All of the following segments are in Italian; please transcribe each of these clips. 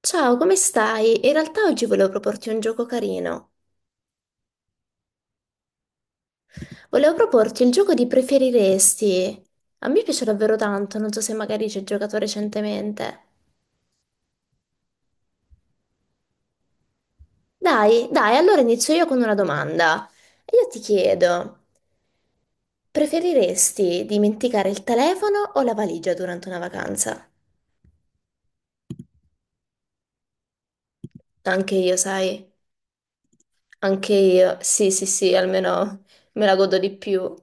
Ciao, come stai? In realtà oggi volevo proporti un gioco carino. Volevo proporti il gioco di preferiresti. A me piace davvero tanto, non so se magari ci hai giocato recentemente. Dai, allora inizio io con una domanda. E io ti chiedo, preferiresti dimenticare il telefono o la valigia durante una vacanza? Anche io, sai, anche io. Sì, sì, sì, almeno me la godo di più.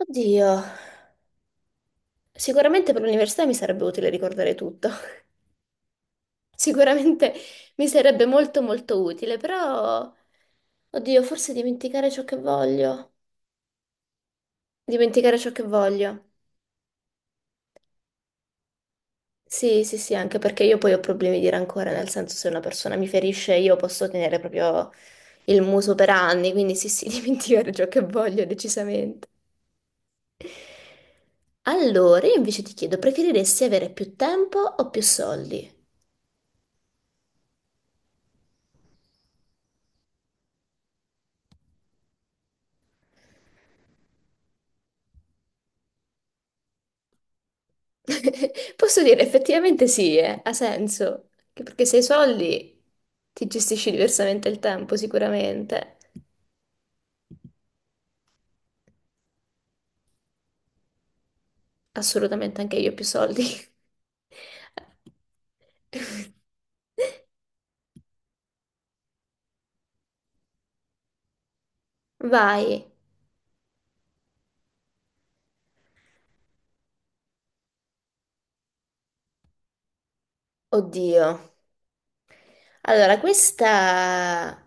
Oddio, sicuramente per l'università mi sarebbe utile ricordare tutto. Sicuramente mi sarebbe molto molto utile, però, oddio, forse dimenticare ciò che voglio. Dimenticare ciò che voglio. Sì, sì, sì, anche perché io poi ho problemi di rancore, nel senso se una persona mi ferisce io posso tenere proprio il muso per anni, quindi sì, sì, dimenticare ciò che voglio, decisamente. Allora, io invece ti chiedo, preferiresti avere più tempo o più soldi? Posso dire, effettivamente sì, ha senso. Che Perché se hai soldi ti gestisci diversamente il tempo, sicuramente. Assolutamente, anche io ho più soldi. Vai. Oddio. Allora, questa...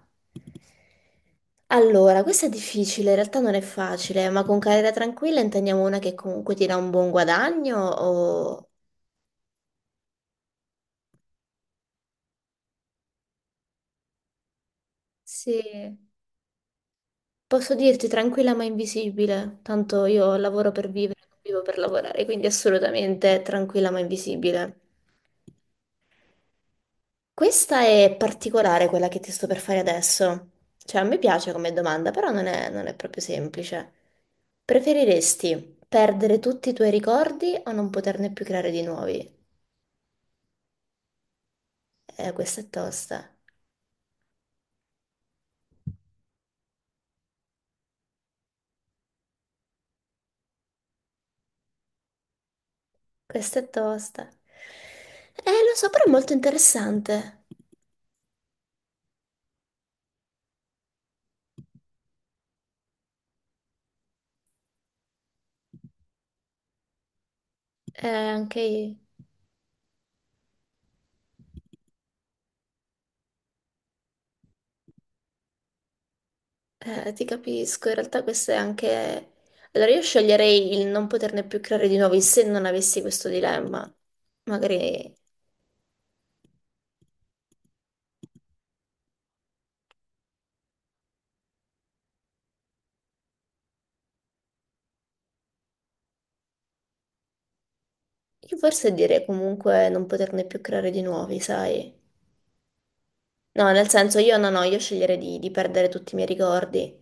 Allora, questa è difficile, in realtà non è facile, ma con carriera tranquilla intendiamo una che comunque ti dà un buon guadagno o... Sì. Posso dirti tranquilla ma invisibile, tanto io lavoro per vivere, non vivo per lavorare, quindi assolutamente tranquilla ma invisibile. Questa è particolare quella che ti sto per fare adesso. Cioè, a me piace come domanda, però non è proprio semplice. Preferiresti perdere tutti i tuoi ricordi o non poterne più creare di nuovi? Questa è tosta. Questa è tosta. Lo so, però è molto interessante. Anche io. Ti capisco, in realtà questo è anche... Allora io sceglierei il non poterne più creare di nuovi se non avessi questo dilemma. Magari... Io forse direi comunque non poterne più creare di nuovi, sai? No, nel senso io no, no, io sceglierei di perdere tutti i miei ricordi.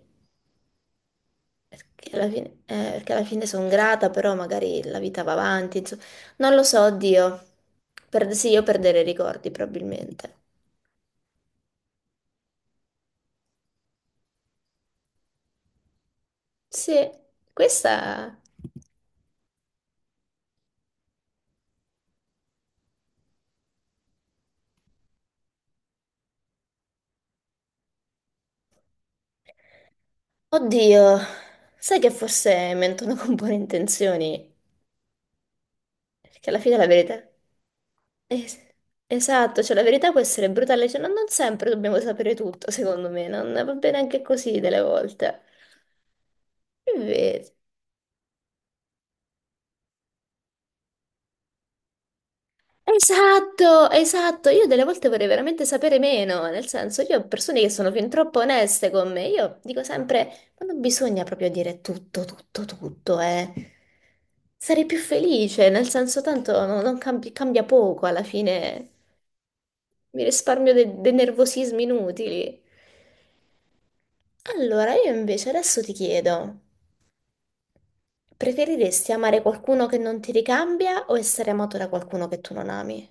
Perché alla fine sono grata, però magari la vita va avanti, insomma. Non lo so, oddio. Sì, io perderei i ricordi probabilmente. Sì, questa... Oddio, sai che forse mentono con buone intenzioni, perché alla fine la verità... es- esatto, cioè la verità può essere brutale, cioè non sempre dobbiamo sapere tutto, secondo me, non va bene anche così delle volte. Invece, esatto, esatto. Io delle volte vorrei veramente sapere meno, nel senso, io ho persone che sono fin troppo oneste con me. Io dico sempre, ma non bisogna proprio dire tutto, tutto, tutto, eh. Sarei più felice, nel senso, tanto no- non cambi- cambia poco alla fine. Mi risparmio dei nervosismi inutili. Allora, io invece adesso ti chiedo, preferiresti amare qualcuno che non ti ricambia o essere amato da qualcuno che tu non ami?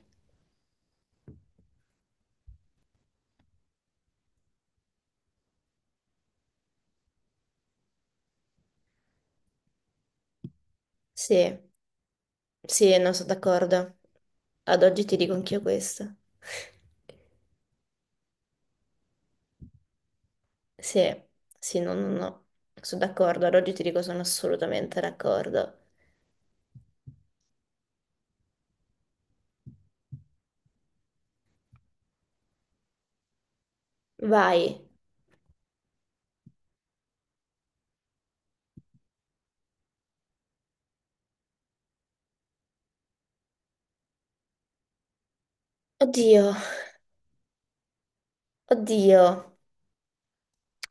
Sì. Sì, no, sono d'accordo. Ad oggi ti dico anch'io questo. Sì, sì, no, no, no. Sono d'accordo, ad oggi ti dico sono assolutamente d'accordo. Vai. Oddio, oddio.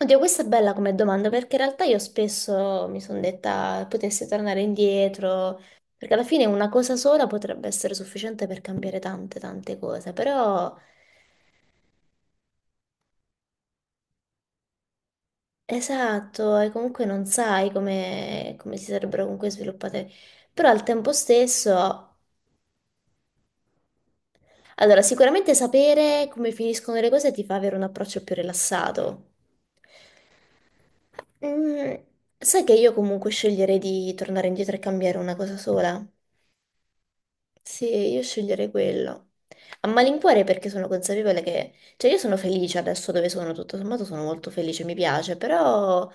Oddio, questa è bella come domanda perché in realtà io spesso mi sono detta potessi tornare indietro, perché alla fine una cosa sola potrebbe essere sufficiente per cambiare tante, tante cose, però... Esatto, e comunque non sai come si sarebbero comunque sviluppate, però al tempo stesso, allora sicuramente sapere come finiscono le cose ti fa avere un approccio più rilassato. Mm, sai che io comunque sceglierei di tornare indietro e cambiare una cosa sola? Sì, io sceglierei quello. A malincuore perché sono consapevole che, cioè io sono felice adesso dove sono, tutto sommato sono molto felice, mi piace, però,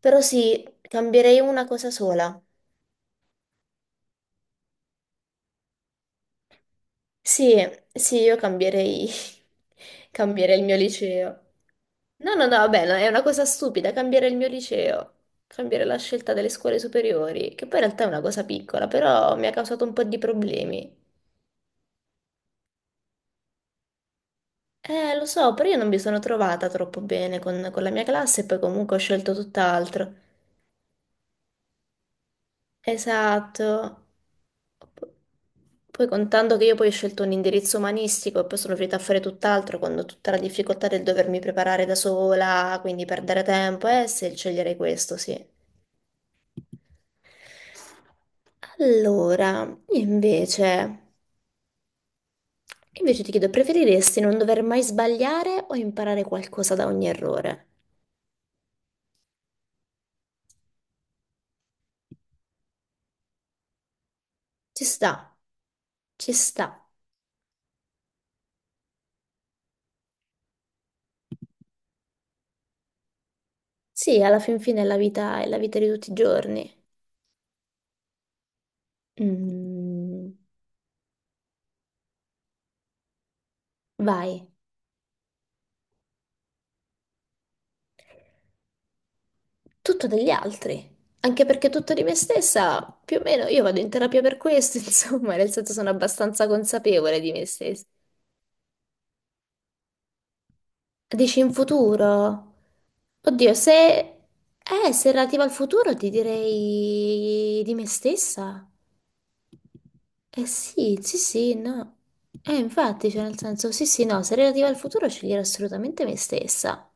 però sì, cambierei una cosa sola. Sì, sì, io cambierei, cambierei il mio liceo. No, no, no, vabbè, no, è una cosa stupida, cambiare il mio liceo, cambiare la scelta delle scuole superiori, che poi in realtà è una cosa piccola, però mi ha causato un po' di problemi. Lo so, però io non mi sono trovata troppo bene con la mia classe e poi comunque ho scelto tutt'altro. Esatto. Poi contando che io poi ho scelto un indirizzo umanistico e poi sono finita a fare tutt'altro, quando tutta la difficoltà del dovermi preparare da sola, quindi perdere tempo, se sceglierei questo, sì. Allora, invece ti chiedo, preferiresti non dover mai sbagliare o imparare qualcosa da ogni errore? Ci sta, ci sta. Sì, alla fin fine è la vita di tutti i giorni. Mm, vai. Tutto degli altri, anche perché tutto di me stessa, più o meno io vado in terapia per questo, insomma, nel senso sono abbastanza consapevole di me stessa. Dici in futuro? Oddio, se... se relativa al futuro ti direi di me stessa. Eh sì, sì, sì, no. Infatti, cioè nel senso, sì, sì, no, se relativa al futuro sceglierò assolutamente me stessa.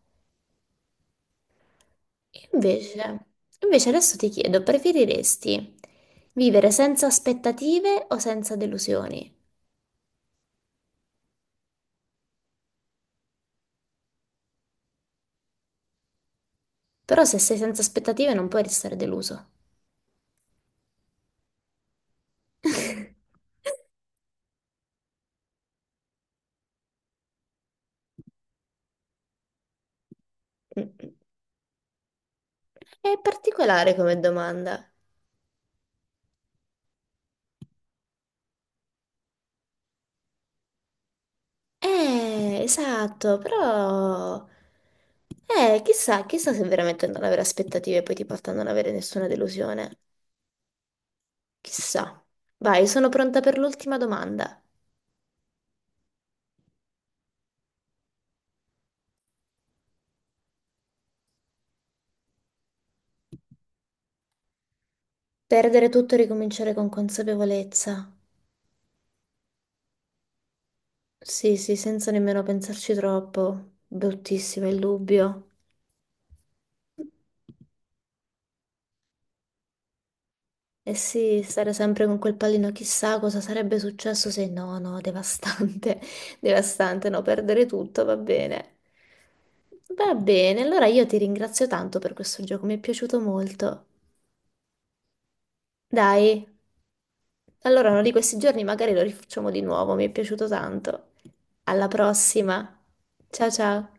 E Invece, Invece adesso ti chiedo, preferiresti vivere senza aspettative o senza delusioni? Però se sei senza aspettative non puoi restare deluso. È particolare come domanda. Esatto, però... chissà, chissà se veramente non avere aspettative poi ti porta a non avere nessuna delusione. Chissà. Vai, sono pronta per l'ultima domanda. Perdere tutto e ricominciare con consapevolezza. Sì, sì, senza nemmeno pensarci troppo. Bruttissimo il dubbio. Eh sì, stare sempre con quel pallino, chissà cosa sarebbe successo se no, no, devastante, devastante, no, perdere tutto, va bene. Va bene, allora io ti ringrazio tanto per questo gioco, mi è piaciuto molto. Dai, allora uno di questi giorni magari lo rifacciamo di nuovo, mi è piaciuto tanto. Alla prossima. Ciao ciao.